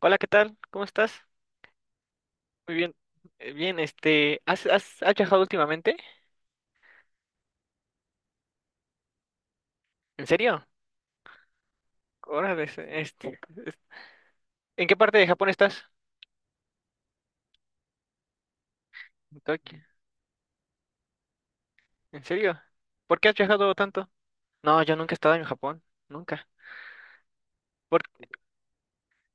Hola, ¿qué tal? ¿Cómo estás? Muy bien. Bien, ¿has viajado últimamente? ¿En serio? Órale, es- ¿en qué parte de Japón estás? En Tokio. ¿En serio? ¿Por qué has viajado tanto? No, yo nunca he estado en Japón, nunca. Por-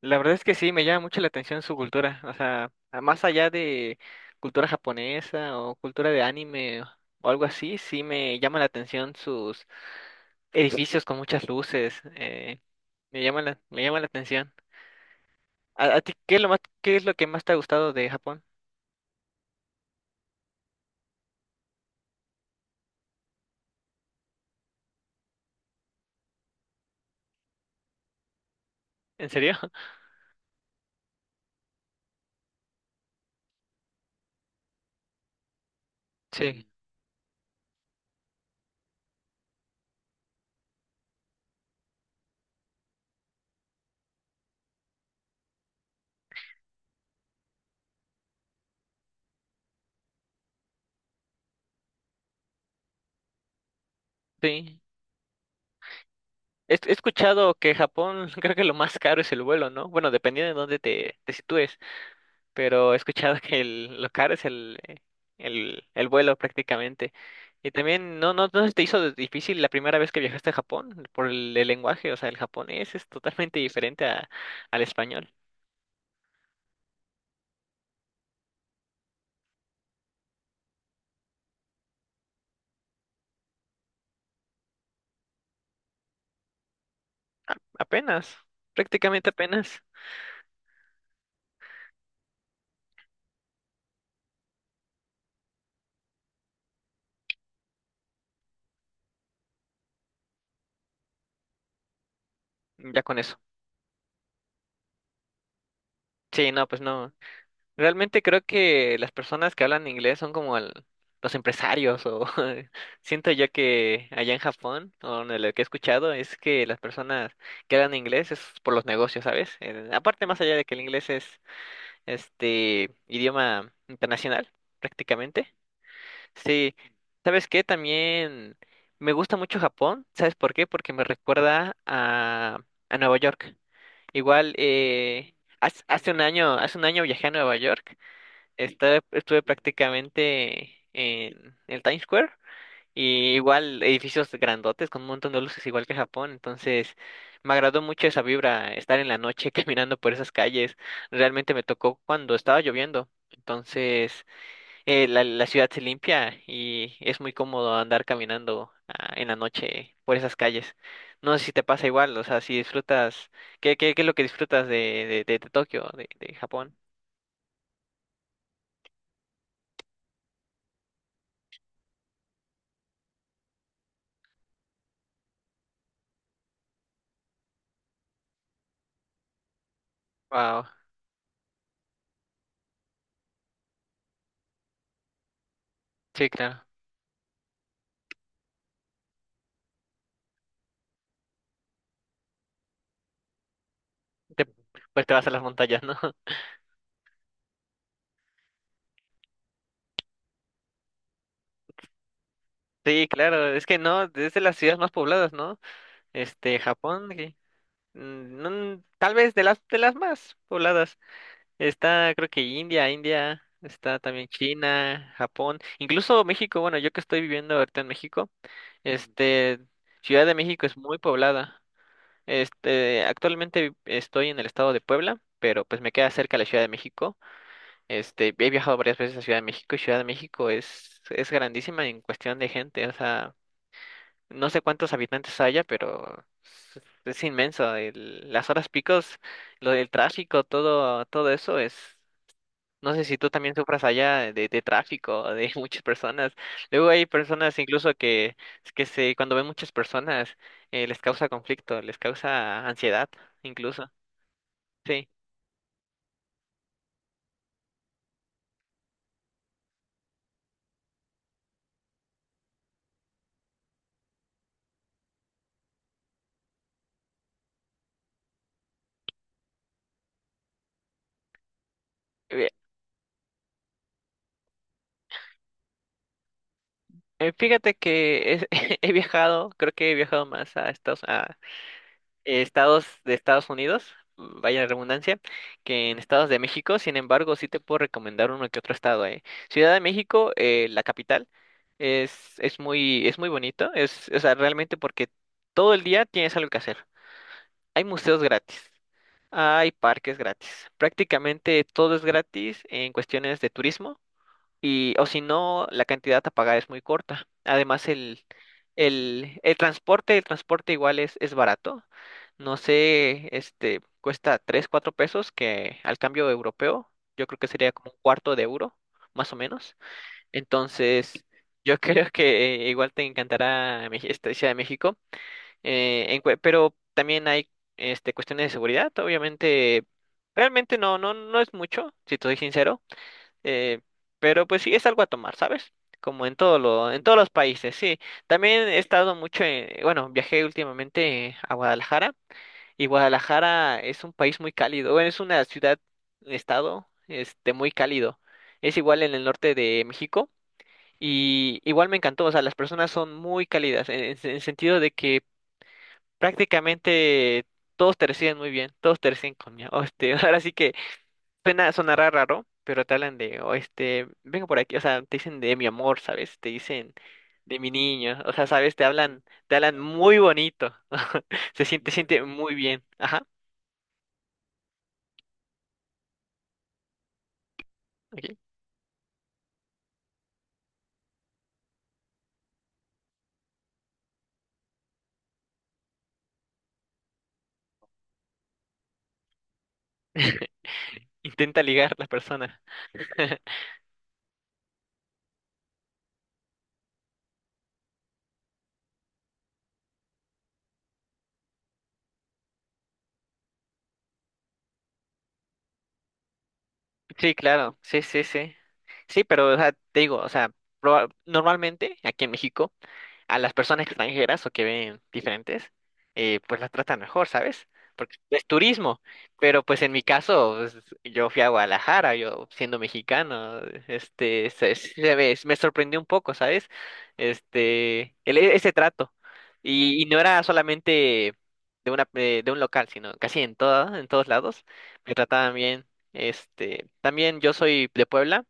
la verdad es que sí, me llama mucho la atención su cultura, o sea, más allá de cultura japonesa o cultura de anime o algo así, sí me llama la atención sus edificios con muchas luces, me llama la atención. ¿A ti qué es lo más, qué es lo que más te ha gustado de Japón? ¿En serio? Sí, sí. He escuchado que Japón, creo que lo más caro es el vuelo, ¿no? Bueno, dependiendo de dónde te sitúes, pero he escuchado que lo caro es el vuelo prácticamente. Y también, ¿no se te hizo difícil la primera vez que viajaste a Japón por el lenguaje? O sea, el japonés es totalmente diferente al español. Apenas, prácticamente apenas, ya con eso. Sí, no, pues no. Realmente creo que las personas que hablan inglés son como los empresarios o siento yo que allá en Japón o de lo que he escuchado es que las personas que hablan inglés es por los negocios, ¿sabes? Aparte más allá de que el inglés es este idioma internacional prácticamente. Sí, ¿sabes qué? También me gusta mucho Japón, ¿sabes por qué? Porque me recuerda a Nueva York. Igual hace un año viajé a Nueva York estuve prácticamente en el Times Square y igual edificios grandotes con un montón de luces igual que Japón, entonces me agradó mucho esa vibra, estar en la noche caminando por esas calles, realmente me tocó cuando estaba lloviendo, entonces la ciudad se limpia y es muy cómodo andar caminando en la noche por esas calles. No sé si te pasa igual, o sea, si disfrutas, ¿qué es lo que disfrutas de Tokio, de Japón? Wow, sí, claro. te- pues te vas a las montañas, ¿no? Sí, claro, es que no, es de las ciudades más pobladas, ¿no? Japón, que, no, tal vez de las más pobladas. Está, creo que India, está también China, Japón, incluso México, bueno, yo que estoy viviendo ahorita en México, este, Ciudad de México es muy poblada. Actualmente estoy en el estado de Puebla, pero pues me queda cerca la Ciudad de México. He viajado varias veces a Ciudad de México y Ciudad de México es grandísima en cuestión de gente. O sea, no sé cuántos habitantes haya, pero es, es inmenso. Las horas picos, lo del tráfico, todo, todo eso es. No sé si tú también sufras allá de tráfico, de muchas personas. Luego hay personas incluso cuando ven muchas personas, les causa conflicto, les causa ansiedad, incluso. Sí. eh, Fíjate que creo que he viajado más a estados de Estados Unidos, vaya redundancia, que en estados de México. Sin embargo, sí te puedo recomendar uno que otro estado. Ciudad de México, la capital, es muy bonito, o sea, realmente porque todo el día tienes algo que hacer. Hay museos gratis, hay parques gratis, prácticamente todo es gratis en cuestiones de turismo y o si no, la cantidad a pagar es muy corta. Además, el transporte igual es barato. No sé, cuesta 3 4 pesos, que al cambio europeo, yo creo que sería como un cuarto de euro, más o menos. Entonces, yo creo que igual te encantará esta Ciudad de México. Pero también hay cuestiones de seguridad, obviamente. Realmente no es mucho, si te soy sincero. Eh, pero pues sí, es algo a tomar, ¿sabes? Como en todos los países, sí. También he estado mucho bueno, viajé últimamente a Guadalajara y Guadalajara es un país muy cálido, bueno, es una ciudad, un estado, muy cálido. Es igual en el norte de México y igual me encantó, o sea, las personas son muy cálidas en el sentido de que prácticamente todos te reciben muy bien, todos te reciben con, ahora sí que sonará raro, pero te hablan de, o vengo por aquí, o sea, te dicen de mi amor, ¿sabes? Te dicen de mi niño, o sea, ¿sabes? Te hablan muy bonito, siente muy bien, ajá, ok. Intenta ligar la persona. Sí, claro, sí, sí, sí. Sí, pero, o sea, te digo, o sea, normalmente aquí en México, a las personas extranjeras o que ven diferentes, pues las tratan mejor, ¿sabes? Porque es turismo. Pero pues en mi caso, pues, yo fui a Guadalajara, yo siendo mexicano, me sorprendió un poco, ¿sabes? Ese trato. Y no era solamente de un local, sino casi en todos lados, me trataban bien. También yo soy de Puebla.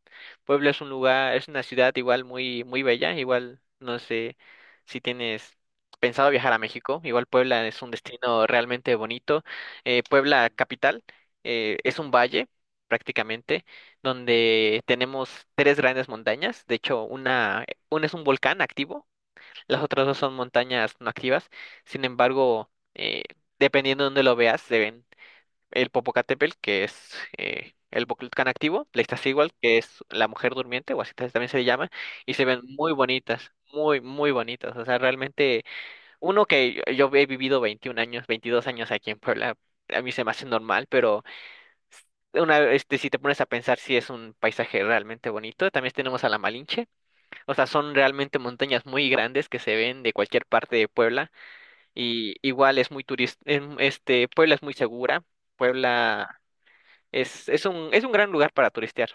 Puebla es una ciudad igual muy, muy bella, igual, no sé, si tienes pensado viajar a México, igual Puebla es un destino realmente bonito. Puebla capital es un valle prácticamente donde tenemos tres grandes montañas. De hecho, una es un volcán activo, las otras dos son montañas no activas. Sin embargo, dependiendo de dónde lo veas, se ven el Popocatépetl, que es el Volcán activo, la Iztaccíhuatl, que es la mujer durmiente, o así también se le llama, y se ven muy bonitas, muy, muy bonitas. O sea, realmente, uno que yo he vivido 21 años, 22 años aquí en Puebla, a mí se me hace normal, pero si te pones a pensar si es un paisaje realmente bonito, también tenemos a la Malinche, o sea, son realmente montañas muy grandes que se ven de cualquier parte de Puebla y igual es muy turista, Puebla es muy segura, Puebla es un gran lugar para turistear.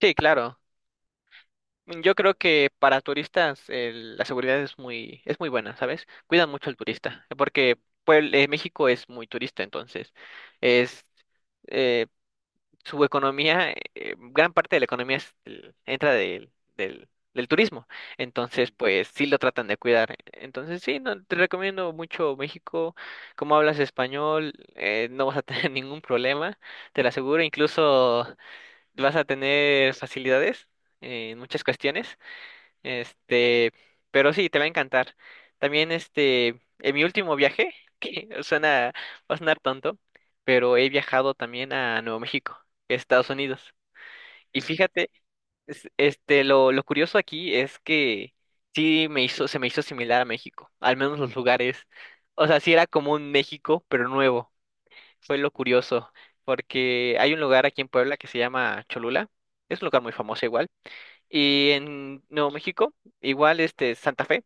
Sí, claro. Yo creo que para turistas la seguridad es muy, buena, ¿sabes? Cuidan mucho al turista, porque pues, México es muy turista, entonces es eh, su economía, gran parte de la economía entra del, del turismo, entonces pues sí lo tratan de cuidar. Entonces sí, no, te recomiendo mucho México, como hablas español, no vas a tener ningún problema, te lo aseguro, incluso vas a tener facilidades en muchas cuestiones. Este, pero sí, te va a encantar. También, en mi último viaje, que suena, va a sonar tonto, pero he viajado también a Nuevo México, Estados Unidos. Y fíjate, lo curioso aquí es que se me hizo similar a México, al menos los lugares. O sea, sí era como un México, pero nuevo fue lo curioso, porque hay un lugar aquí en Puebla que se llama Cholula, es un lugar muy famoso igual, y en Nuevo México, igual este Santa Fe,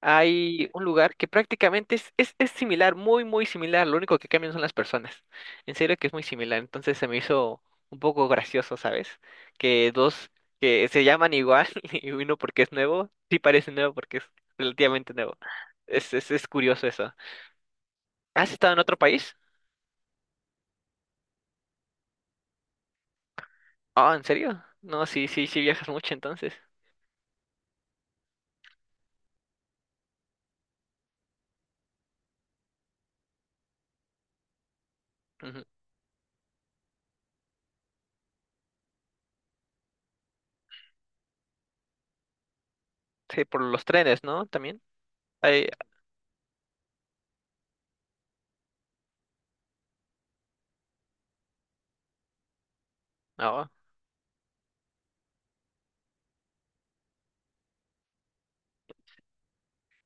hay un lugar que prácticamente es similar, muy, muy similar, lo único que cambian son las personas, en serio que es muy similar, entonces se me hizo un poco gracioso, ¿sabes? Que dos que se llaman igual y uno porque es nuevo, sí parece nuevo porque es relativamente nuevo. Es curioso eso. ¿Has estado en otro país? Ah, ¿en serio? No, sí, sí, sí viajas mucho entonces. Ujú. Sí, por los trenes, ¿no? También. Ay, ah,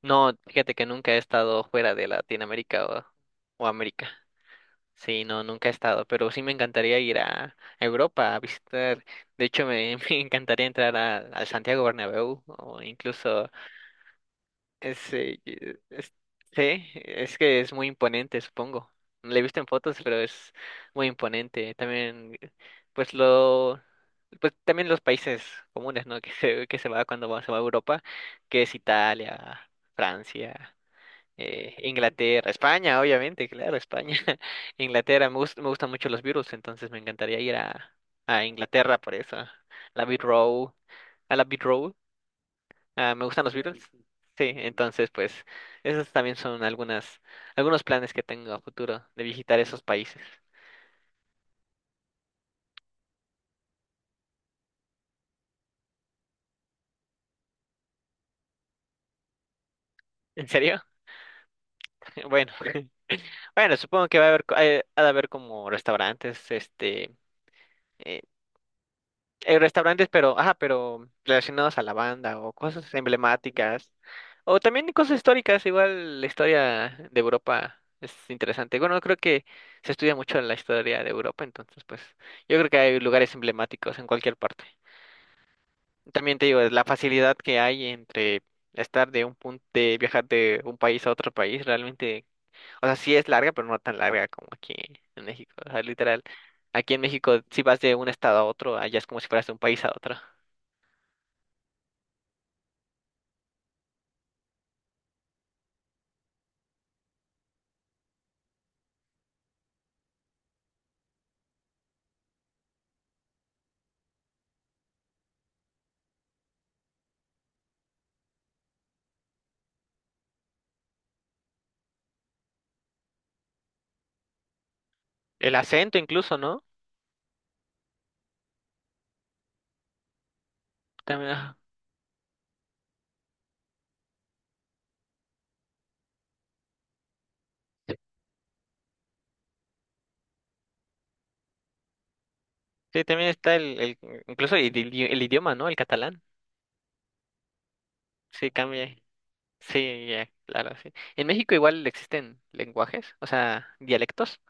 no, fíjate que nunca he estado fuera de Latinoamérica o América. Sí, no, nunca he estado, pero sí me encantaría ir a Europa a visitar. De hecho, me encantaría entrar al Santiago Bernabéu o incluso Es, eh, es- sí, es que es muy imponente, supongo. No le he visto en fotos, pero es muy imponente. También, pues lo, pues también los países comunes, ¿no? Que se va se va a Europa, que es Italia, Francia, Inglaterra, España, obviamente, claro, España, Inglaterra. Me gustan mucho los Beatles, entonces me encantaría ir a Inglaterra por eso. La Beat Row, a la Beat Ah, me gustan los Beatles. Sí, entonces pues esos también son algunas, algunos planes que tengo a futuro de visitar esos países. ¿En serio? Bueno, bueno, supongo que va a haber, co- ha de haber como restaurantes, eh, pero, ajá, pero relacionados a la banda o cosas emblemáticas o también cosas históricas. Igual la historia de Europa es interesante. Bueno, creo que se estudia mucho la historia de Europa, entonces pues yo creo que hay lugares emblemáticos en cualquier parte. También te digo, es la facilidad que hay entre estar de un punto de viajar de un país a otro país, realmente, o sea, sí es larga, pero no tan larga como aquí en México, o sea, literal, aquí en México si vas de un estado a otro, allá es como si fueras de un país a otro. El acento incluso, ¿no? También, sí, también está el incluso el idioma, ¿no? El catalán, sí cambia. Sí, ya, claro, sí. En México igual existen lenguajes, o sea, dialectos.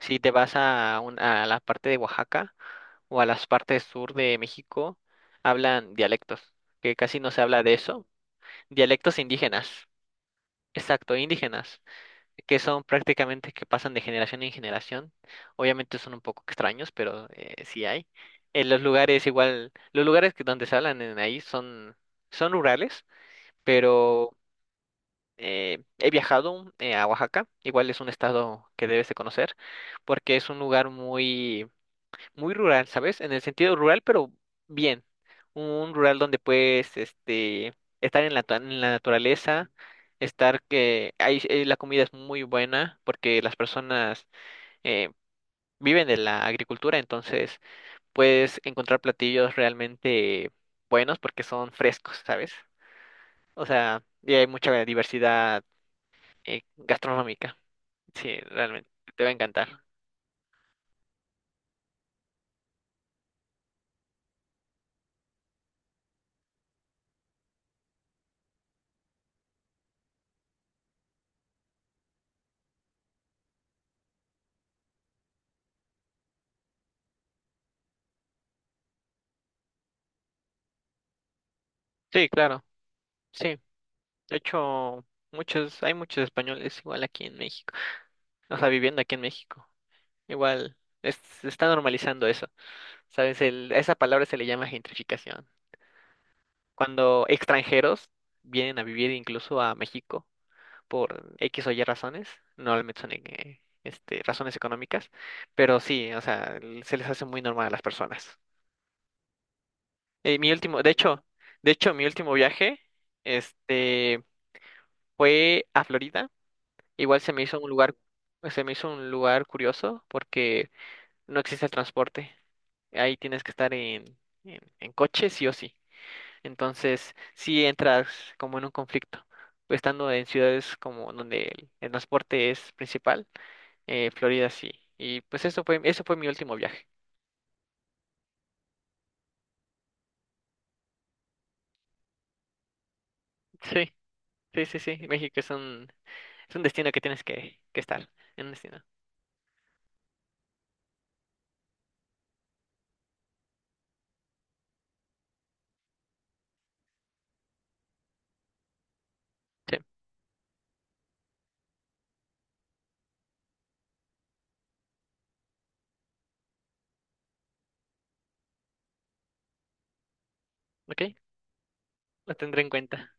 Si te vas a la parte de Oaxaca o a las partes sur de México, hablan dialectos, que casi no se habla de eso. Dialectos indígenas, exacto, indígenas, que son prácticamente que pasan de generación en generación. Obviamente son un poco extraños, pero sí hay. En los lugares igual, los lugares que donde se hablan en ahí son rurales, pero he viajado a Oaxaca, igual es un estado que debes de conocer, porque es un lugar muy muy rural, ¿sabes? En el sentido rural, pero bien. Un rural donde puedes, estar en la naturaleza, estar que ahí, la comida es muy buena porque las personas eh, viven de la agricultura, entonces puedes encontrar platillos realmente buenos porque son frescos, ¿sabes? O sea, y hay mucha diversidad gastronómica. Sí, realmente, te va a encantar. Sí, claro, sí. De hecho, hay muchos españoles igual aquí en México, o sea, viviendo aquí en México. Igual se está normalizando eso, ¿sabes? A esa palabra se le llama gentrificación. Cuando extranjeros vienen a vivir incluso a México por X o Y razones, normalmente son razones económicas, pero sí, o sea, se les hace muy normal a las personas. Mi último, de hecho, mi último viaje, este, fue a Florida. Igual se me hizo un lugar curioso porque no existe el transporte. Ahí tienes que estar en coche sí o sí. Entonces, sí entras como en un conflicto. Estando en ciudades como donde el transporte es principal, Florida sí. Y pues eso fue mi último viaje. Sí, sí, sí, sí. México es es un destino que tienes que estar. En un destino. Sí. ¿Ok? Lo tendré en cuenta.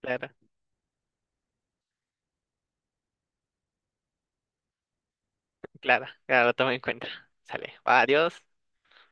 Claro, claro, claro, lo tomo en cuenta. Sale. Va, adiós.